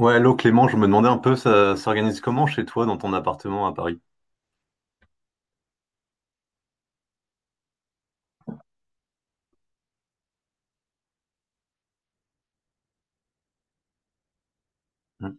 Ouais, l'eau Clément, je me demandais un peu, ça s'organise comment chez toi dans ton appartement à Paris? Hmm.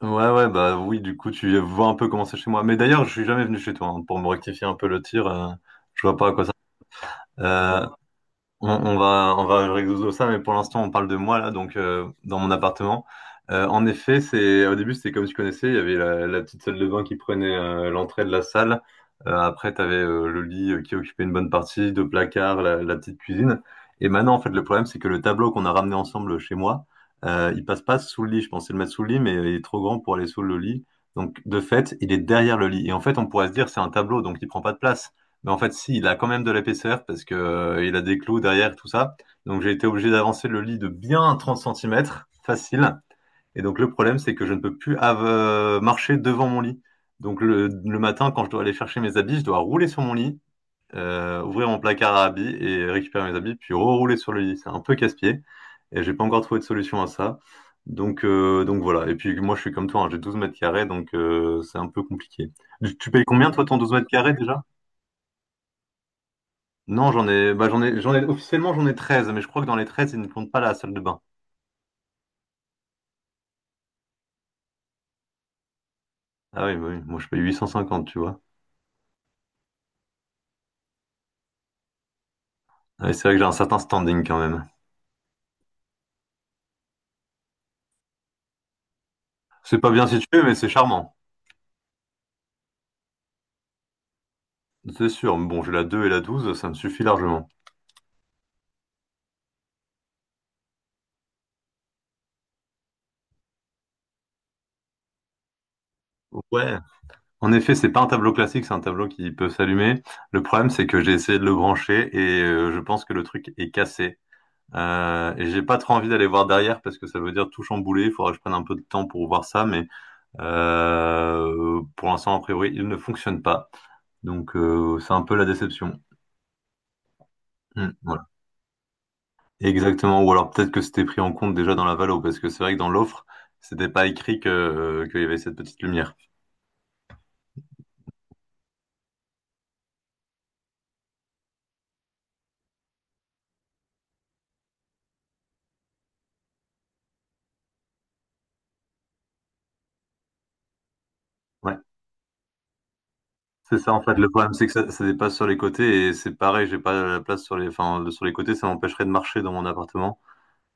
Ouais, ouais, bah oui, du coup, tu vois un peu comment c'est chez moi. Mais d'ailleurs, je suis jamais venu chez toi, hein, pour me rectifier un peu le tir, je vois pas à quoi ça. euh, on va résoudre ça, mais pour l'instant, on parle de moi, là, donc dans mon appartement. En effet, c'est au début, c'était comme tu connaissais, il y avait la petite salle de bain qui prenait l'entrée de la salle. Après, tu avais le lit qui occupait une bonne partie, deux placards, la petite cuisine. Et maintenant, en fait, le problème, c'est que le tableau qu'on a ramené ensemble chez moi, il passe pas sous le lit. Je pensais le mettre sous le lit, mais il est trop grand pour aller sous le lit. Donc, de fait, il est derrière le lit. Et en fait, on pourrait se dire, c'est un tableau, donc il prend pas de place. Mais en fait, si, il a quand même de l'épaisseur parce que il a des clous derrière, tout ça. Donc j'ai été obligé d'avancer le lit de bien 30 centimètres, facile. Et donc le problème, c'est que je ne peux plus marcher devant mon lit. Donc le matin, quand je dois aller chercher mes habits, je dois rouler sur mon lit, ouvrir mon placard à habits et récupérer mes habits, puis rerouler sur le lit. C'est un peu casse-pied. Et j'ai pas encore trouvé de solution à ça. Donc voilà. Et puis moi, je suis comme toi, hein, j'ai 12 mètres carrés, donc c'est un peu compliqué. Tu payes combien, toi, ton 12 mètres carrés déjà? Non, bah, officiellement, j'en ai 13, mais je crois que dans les 13, ils ne comptent pas la salle de bain. Ah oui, bah oui, moi je paye 850, tu vois. Ah oui, c'est vrai que j'ai un certain standing quand même. C'est pas bien situé, mais c'est charmant. C'est sûr, mais bon, j'ai la 2 et la douze, ça me suffit largement. Ouais. En effet, c'est pas un tableau classique, c'est un tableau qui peut s'allumer. Le problème, c'est que j'ai essayé de le brancher et je pense que le truc est cassé. Et j'ai pas trop envie d'aller voir derrière parce que ça veut dire tout chambouler. Il faudra que je prenne un peu de temps pour voir ça, mais pour l'instant, a priori, il ne fonctionne pas. Donc c'est un peu la déception. Hmm, voilà. Exactement. Ou alors peut-être que c'était pris en compte déjà dans la valo, parce que c'est vrai que dans l'offre, c'était pas écrit que, qu'il y avait cette petite lumière. Ouais. C'est ça en fait. Le problème c'est que ça dépasse sur les côtés et c'est pareil, j'ai pas la place sur les, enfin, sur les côtés, ça m'empêcherait de marcher dans mon appartement.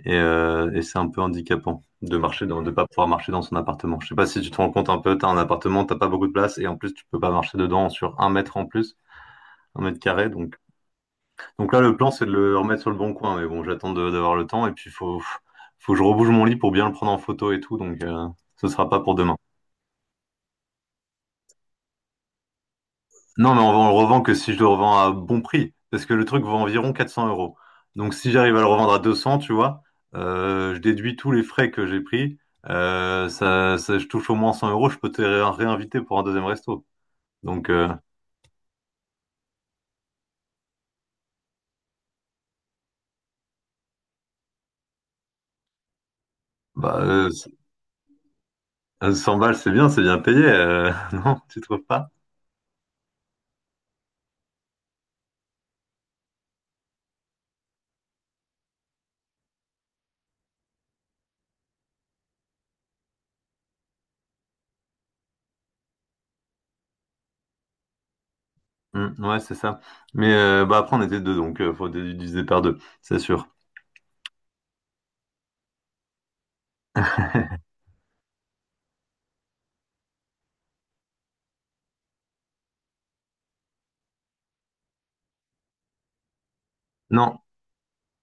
Et c'est un peu handicapant de marcher dans, de pas pouvoir marcher dans son appartement. Je sais pas si tu te rends compte un peu, t'as un appartement, t'as pas beaucoup de place et en plus tu peux pas marcher dedans sur un mètre en plus, un mètre carré. Donc là le plan c'est de le remettre sur le bon coin, mais bon j'attends d'avoir le temps et puis faut que je rebouge mon lit pour bien le prendre en photo et tout, donc ce sera pas pour demain. Non, mais on le revend que si je le revends à bon prix. Parce que le truc vaut environ 400 euros. Donc si j'arrive à le revendre à 200, tu vois, je déduis tous les frais que j'ai pris. Je touche au moins 100 euros. Je peux te réinviter pour un deuxième resto. Donc, bah, 100 balles, c'est bien payé. Non, tu trouves pas? Hmm, ouais, c'est ça. Mais bah, après, on était deux, donc faut diviser par deux, c'est sûr. Non.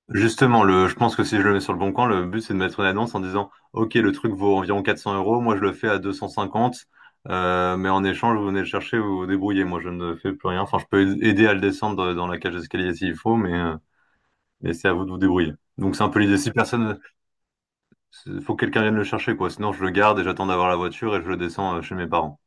Justement, je pense que si je le mets sur le bon coin, le but c'est de mettre une annonce en disant, OK, le truc vaut environ 400 euros, moi je le fais à 250, mais en échange, vous venez le chercher, vous vous débrouillez, moi je ne fais plus rien. Enfin, je peux aider à le descendre dans la cage d'escalier s'il faut, mais c'est à vous de vous débrouiller. Donc c'est un peu l'idée. Si personne, faut que quelqu'un vienne le chercher, quoi. Sinon, je le garde et j'attends d'avoir la voiture et je le descends chez mes parents.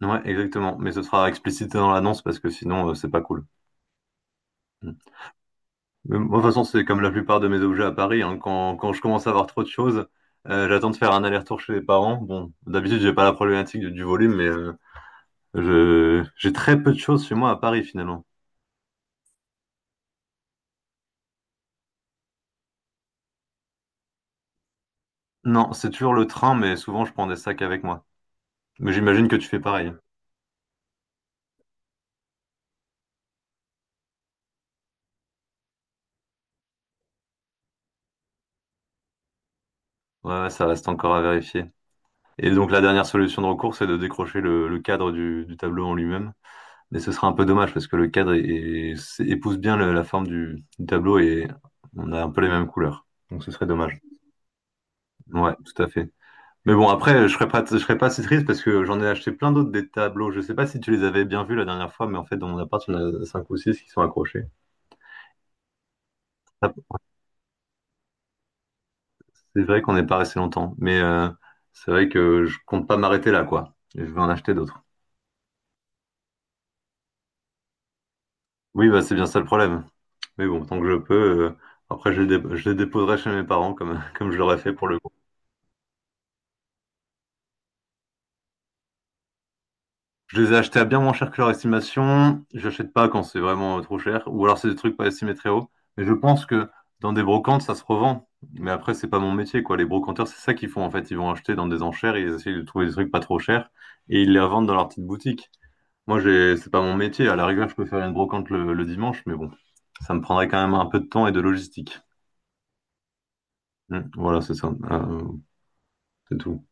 Ouais, exactement. Mais ce sera explicité dans l'annonce parce que sinon, c'est pas cool. Mm. Mais moi, de toute façon, c'est comme la plupart de mes objets à Paris, hein. Quand je commence à avoir trop de choses, j'attends de faire un aller-retour chez les parents. Bon, d'habitude, j'ai pas la problématique du volume, mais j'ai très peu de choses chez moi à Paris, finalement. Non, c'est toujours le train, mais souvent, je prends des sacs avec moi. Mais j'imagine que tu fais pareil. Ouais, ouais, ça reste encore à vérifier. Et donc, la dernière solution de recours, c'est de décrocher le cadre du tableau en lui-même. Mais ce sera un peu dommage parce que le cadre épouse bien la forme du tableau et on a un peu les mêmes couleurs. Donc, ce serait dommage. Ouais, tout à fait. Mais bon, après, je serais pas si triste parce que j'en ai acheté plein d'autres des tableaux. Je sais pas si tu les avais bien vus la dernière fois, mais en fait, dans mon appart, il y en a cinq ou six qui sont accrochés. Ah, c'est vrai qu'on n'est pas resté longtemps, mais c'est vrai que je compte pas m'arrêter là, quoi. Je vais en acheter d'autres. Oui, bah, c'est bien ça le problème. Mais bon, tant que je peux, euh, après, je les déposerai chez mes parents comme, comme je l'aurais fait pour le Je les ai achetés à bien moins cher que leur estimation. J'achète pas quand c'est vraiment trop cher. Ou alors c'est des trucs pas estimés très haut. Mais je pense que dans des brocantes, ça se revend. Mais après, c'est pas mon métier, quoi. Les brocanteurs, c'est ça qu'ils font, en fait. Ils vont acheter dans des enchères, ils essayent de trouver des trucs pas trop chers et ils les revendent dans leur petite boutique. Moi, j'ai, c'est pas mon métier. À la rigueur, je peux faire une brocante le dimanche, mais bon, ça me prendrait quand même un peu de temps et de logistique. Hmm, voilà, c'est ça. C'est tout.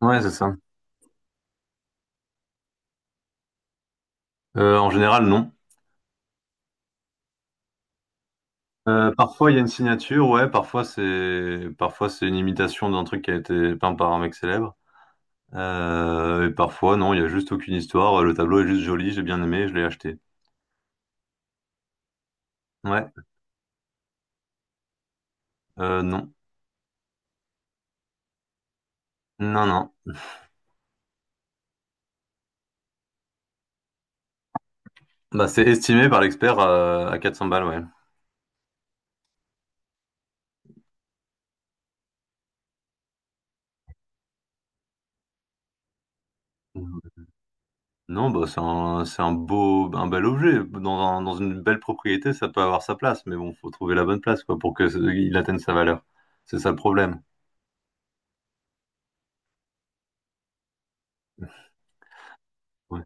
Ouais, c'est ça. En général, non. Parfois il y a une signature, ouais, parfois c'est une imitation d'un truc qui a été peint par un mec célèbre. Et parfois non, il y a juste aucune histoire, le tableau est juste joli, j'ai bien aimé, je l'ai acheté. Ouais. Non. Non, non. Bah c'est estimé par l'expert à 400 balles, ouais. Non, bah c'est un beau un bel objet. Dans dans une belle propriété, ça peut avoir sa place, mais bon, faut trouver la bonne place quoi pour que il atteigne sa valeur. C'est ça le problème. Ouais.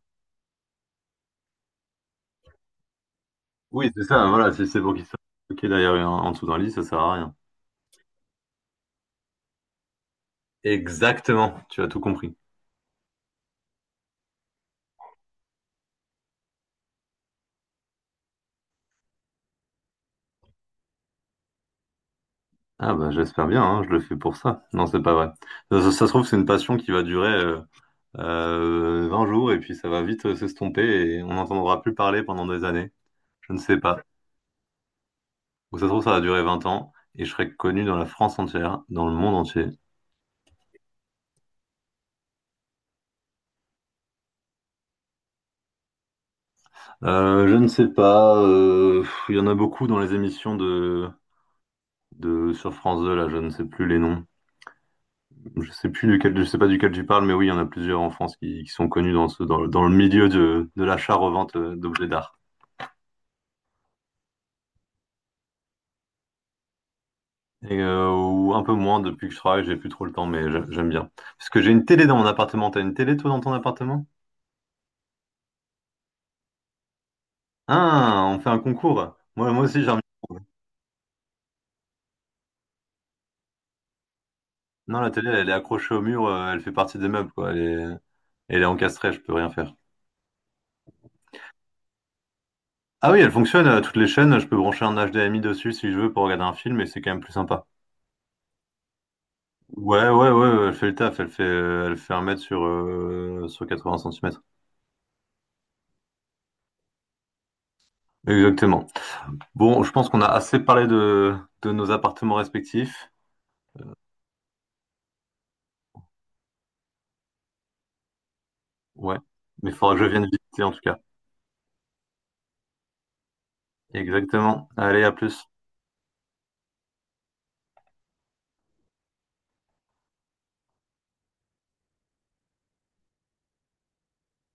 Oui, c'est ça, voilà, si c'est pour qu'il soit bloqué derrière en dessous d'un lit, ça sert à rien. Exactement, tu as tout compris. Ah bah j'espère bien, hein, je le fais pour ça. Non, c'est pas vrai. Ça se trouve, c'est une passion qui va durer 20 jours et puis ça va vite s'estomper et on n'entendra plus parler pendant des années. Je ne sais pas. Ou ça se trouve, ça va durer 20 ans et je serai connu dans la France entière, dans le monde entier. Je ne sais pas. Il y en a beaucoup dans les émissions de sur France 2, là, je ne sais plus les noms. Je sais plus duquel, je sais pas duquel tu parles, mais oui, il y en a plusieurs en France qui sont connus dans dans le milieu de l'achat-revente d'objets d'art. Et ou un peu moins depuis que je travaille, j'ai plus trop le temps, mais j'aime bien. Parce que j'ai une télé dans mon appartement. T'as une télé toi dans ton appartement? Ah, on fait un concours. Moi, moi aussi j'ai un micro. Non, la télé, elle est accrochée au mur, elle fait partie des meubles, quoi. Elle est encastrée, je peux rien faire. Ah oui, elle fonctionne, toutes les chaînes, je peux brancher un HDMI dessus si je veux pour regarder un film, et c'est quand même plus sympa. Ouais, ouais, ouais, ouais, elle fait le taf, elle fait, un mètre sur, 80 centimètres. Exactement. Bon, je pense qu'on a assez parlé de nos appartements respectifs. Ouais, mais il faudra que je vienne visiter en tout cas. Exactement. Allez, à plus.